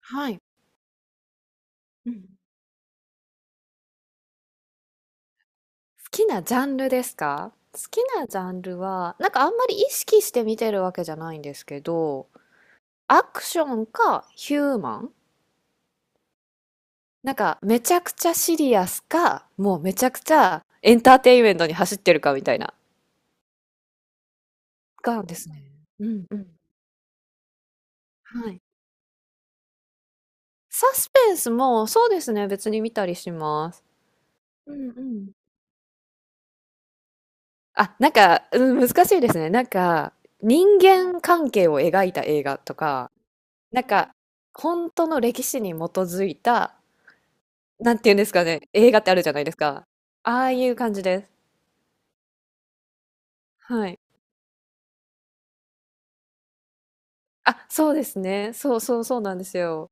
はい。うん。好きなジャンルは、なんかあんまり意識して見てるわけじゃないんですけど、アクションかヒューマン、なんかめちゃくちゃシリアスか、もうめちゃくちゃエンターテインメントに走ってるかみたいな。がですね。うんうん。はい。サスペンスもそうですね、別に見たりします。うんうん。あ、なんか、うん、難しいですね。なんか人間関係を描いた映画とか、なんか、本当の歴史に基づいた、なんて言うんですかね、映画ってあるじゃないですか。ああいう感じです。はい。あ、そうですね。そうそうそうなんですよ。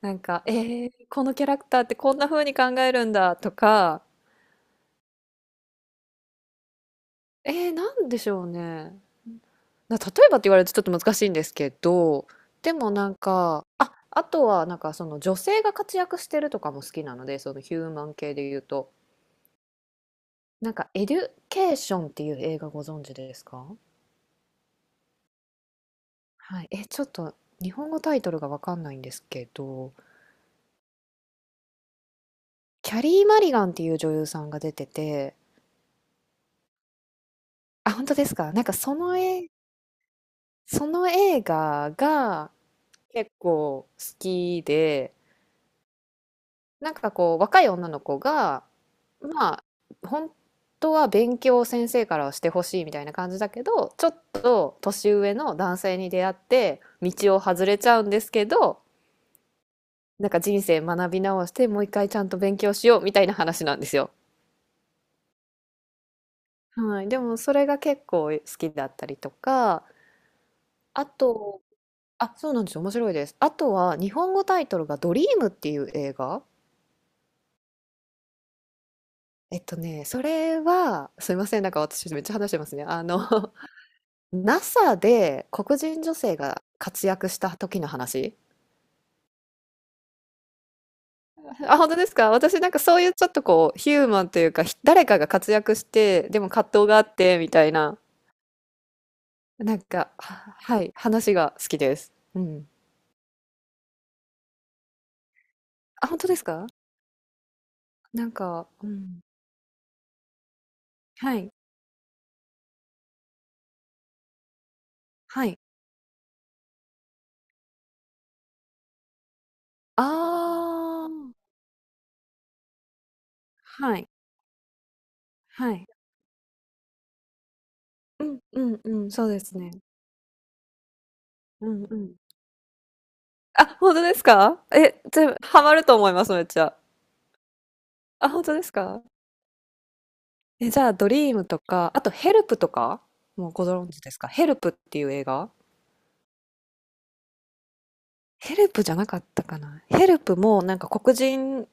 なんか、このキャラクターってこんな風に考えるんだとか、なんでしょうね。例えばって言われるとちょっと難しいんですけど、でもなんか、あ、あとはなんかその女性が活躍してるとかも好きなので、そのヒューマン系で言うと。なんか、エデュケーションっていう映画ご存知ですか？はい、え、ちょっと日本語タイトルがわかんないんですけど、キャリー・マリガンっていう女優さんが出てて、あ、本当ですか？なんかその絵、その映画が結構好きで、なんかこう若い女の子が、まあ本当は勉強を先生からはしてほしいみたいな感じだけど、ちょっと年上の男性に出会って道を外れちゃうんですけど、なんか人生学び直してもう一回ちゃんと勉強しようみたいな話なんですよ。はい、でもそれが結構好きだったりとか、あと、あ、そうなんですよ、面白いです。あとは日本語タイトルが「ドリーム」っていう映画。えっとね、それは、すいません、なんか私めっちゃ話してますね。NASA で黒人女性が活躍した時の話。あ、本当ですか？私なんかそういうちょっとこう、ヒューマンというか、誰かが活躍して、でも葛藤があって、みたいな、なんか、はい、話が好きです。うん。あ、本当ですか？なんか、うん。はい、はい。ああ、はい、はい。うんうんうん、そうですね。うんうん。あ、本当ですか？え、じゃあ、ハマると思います、めっちゃ。あ、本当ですか？え、じゃあ、ドリームとか、あとヘルプとか、もうご存知ですか？ヘルプっていう映画？ヘルプじゃなかったかな。ヘルプもなんか黒人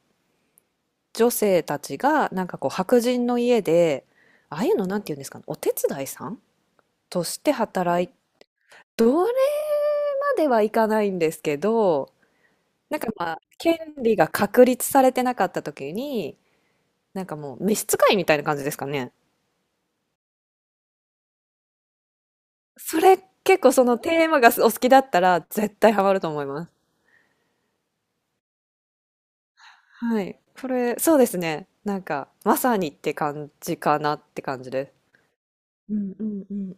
女性たちがなんかこう白人の家で、ああいうのなんて言うんですかね、お手伝いさんとして働い、どれまではいかないんですけど、なんかまあ、権利が確立されてなかった時に、なんかもう召使いみたいな感じですかね。それ結構そのテーマがお好きだったら絶対ハマると思います。はい。これ、そうですね。なんか、まさにって感じかなって感じです。うんうんうん。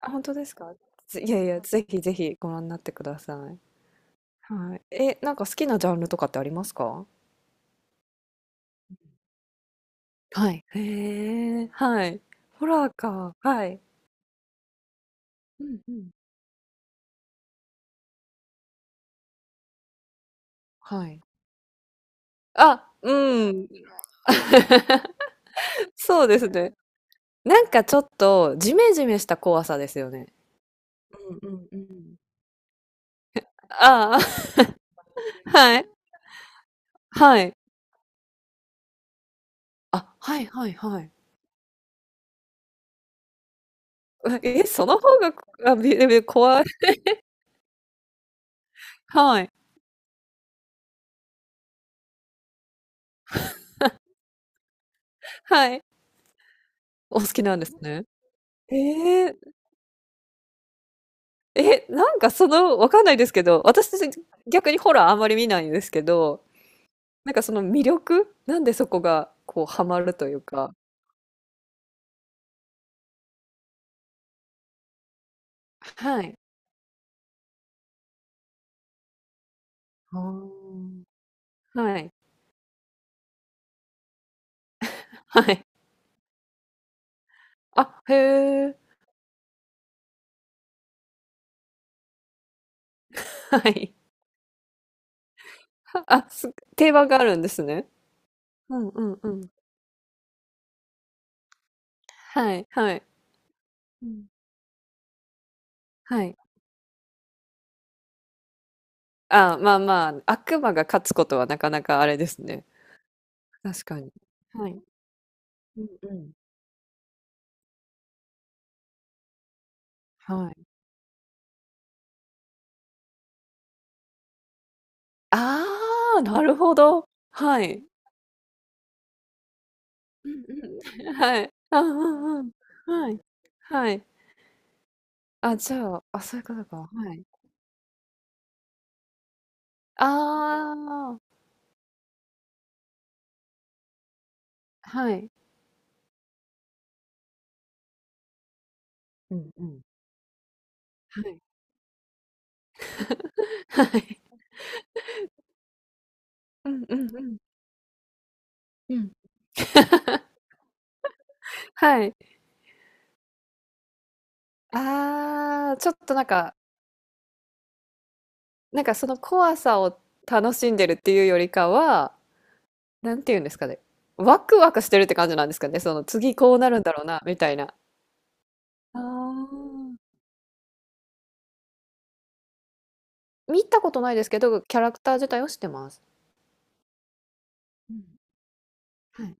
あ、本当ですか？いやいや、ぜひぜひご覧になってください。はい。え、なんか好きなジャンルとかってありますか？はい。へえ、はい。ホラーか。はい。うんうん。はい。あ、うん。そうですね。なんかちょっとジメジメした怖さですよね。うんうんうん。ああ、はい。はい。あ、はいはいはい。え、その方が、あ、怖い。はい。はい。お好きなんですね。ええ、え、なんかその、わかんないですけど、私逆にホラーあんまり見ないんですけど、なんかその魅力なんでそこがこうハマるというか。はい。あー、はい。はい。あ、へえ。はい。あ、定番があるんですね。うんうんうん。はい、はい。うん。はい。あ、まあまあ、悪魔が勝つことはなかなかあれですね。確かに。はい。うんうん。はい。ああ、なるほど。はい。うんうん。はい。あ、うんうん。はい。はい。あ、じゃあ、あ、そういうことか。はい。ああ、はい。うんうん。はい。はい。うんうんうん。うん。はい。ああ、ちょっとなんか、なんかその怖さを楽しんでるっていうよりかは、なんて言うんですかね、ワクワクしてるって感じなんですかね、その次こうなるんだろうなみたいな。ああ。見たことないですけど、キャラクター自体を知ってます。うん。はい。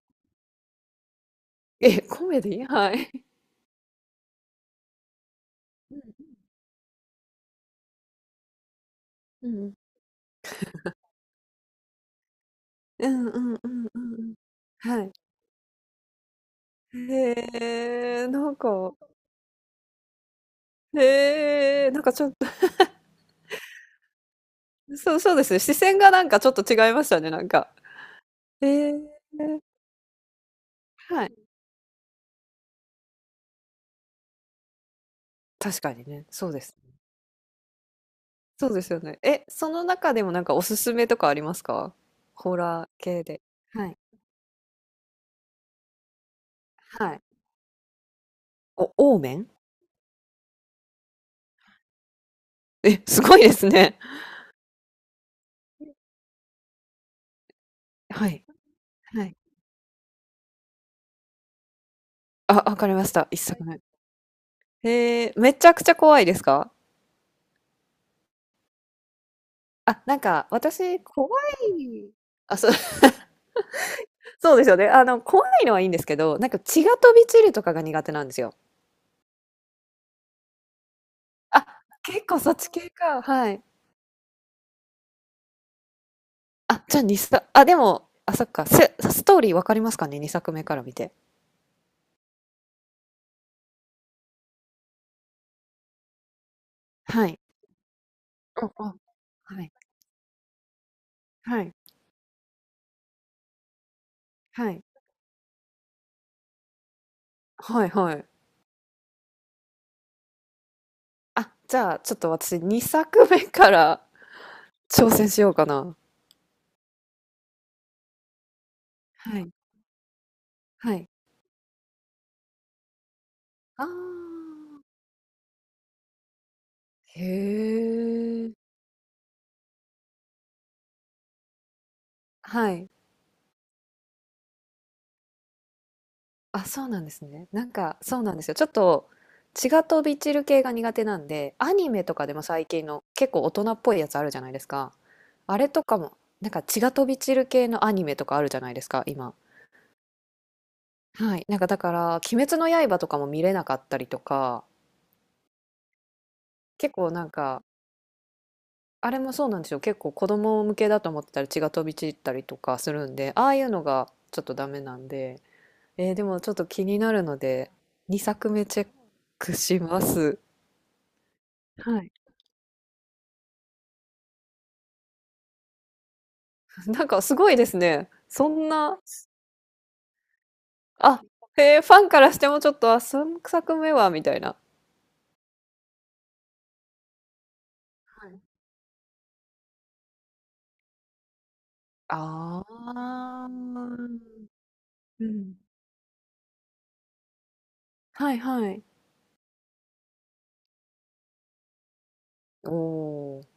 え、コメディ？はい。うんうん。うんうん。うんうんうんうんうん。はい。へえ、なんか、へえ、なんかちょっと、そうそうですね。視線がなんかちょっと違いましたね、なんか。ええ、はい。確かにね、そうです。そうですよね。え、その中でもなんかおすすめとかありますか？ホラー系で。はい、はい。お、オーメン？え、すごいですね。はい、はい。あ、わかりました。一作目。め。へえ、めちゃくちゃ怖いですか？あ、なんか私怖い。あ、そう、そうですよね。あの、怖いのはいいんですけど、なんか血が飛び散るとかが苦手なんですよ。あ、結構そっち系か。はい。あ、じゃあに、さあ、でも、あ、そっか、ストーリーわかりますかね？2作目から見て。はい。うんうん。はい。はい。はい。はいはい。あ、じゃあ、ちょっと私2作目から挑戦しようかな。はい。はい。ああ。へえ。はい。あ、そうなんですね。なんか、そうなんですよ。ちょっと、血が飛び散る系が苦手なんで、アニメとかでも最近の結構大人っぽいやつあるじゃないですか。あれとかも、なんか血が飛び散る系のアニメとかあるじゃないですか、今。はい。なんかだから、鬼滅の刃とかも見れなかったりとか、結構なんか、あれもそうなんですよ。結構子供向けだと思ってたら血が飛び散ったりとかするんで、ああいうのがちょっとダメなんで、でもちょっと気になるので、2作目チェックします。はい。なんかすごいですね。そんな、あ、へえ、ファンからしてもちょっと、あ、3作目はみたいな。はい。ああ。うん。はいはい。おお。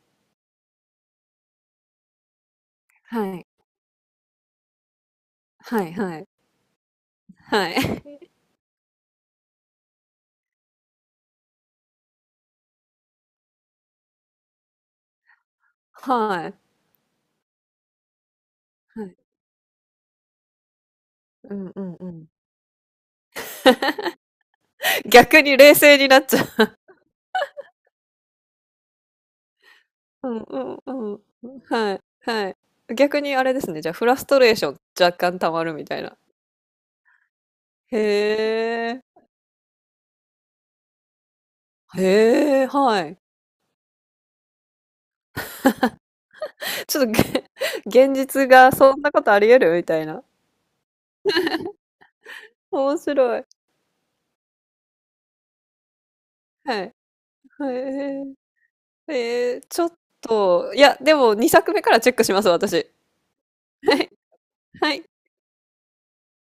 はい。はいはい。はい。はい。はい。うんうんうん。逆に冷静になっちゃう。うんうんうん。はい、はい。逆にあれですね、じゃあフラストレーション若干溜まるみたいな。へえ。へえ、はい。ちょっとげ 現実がそんなことあり得るみたいな。面白い。はい。はい。ちょっと、いや、でも2作目からチェックします、私。はい。はい。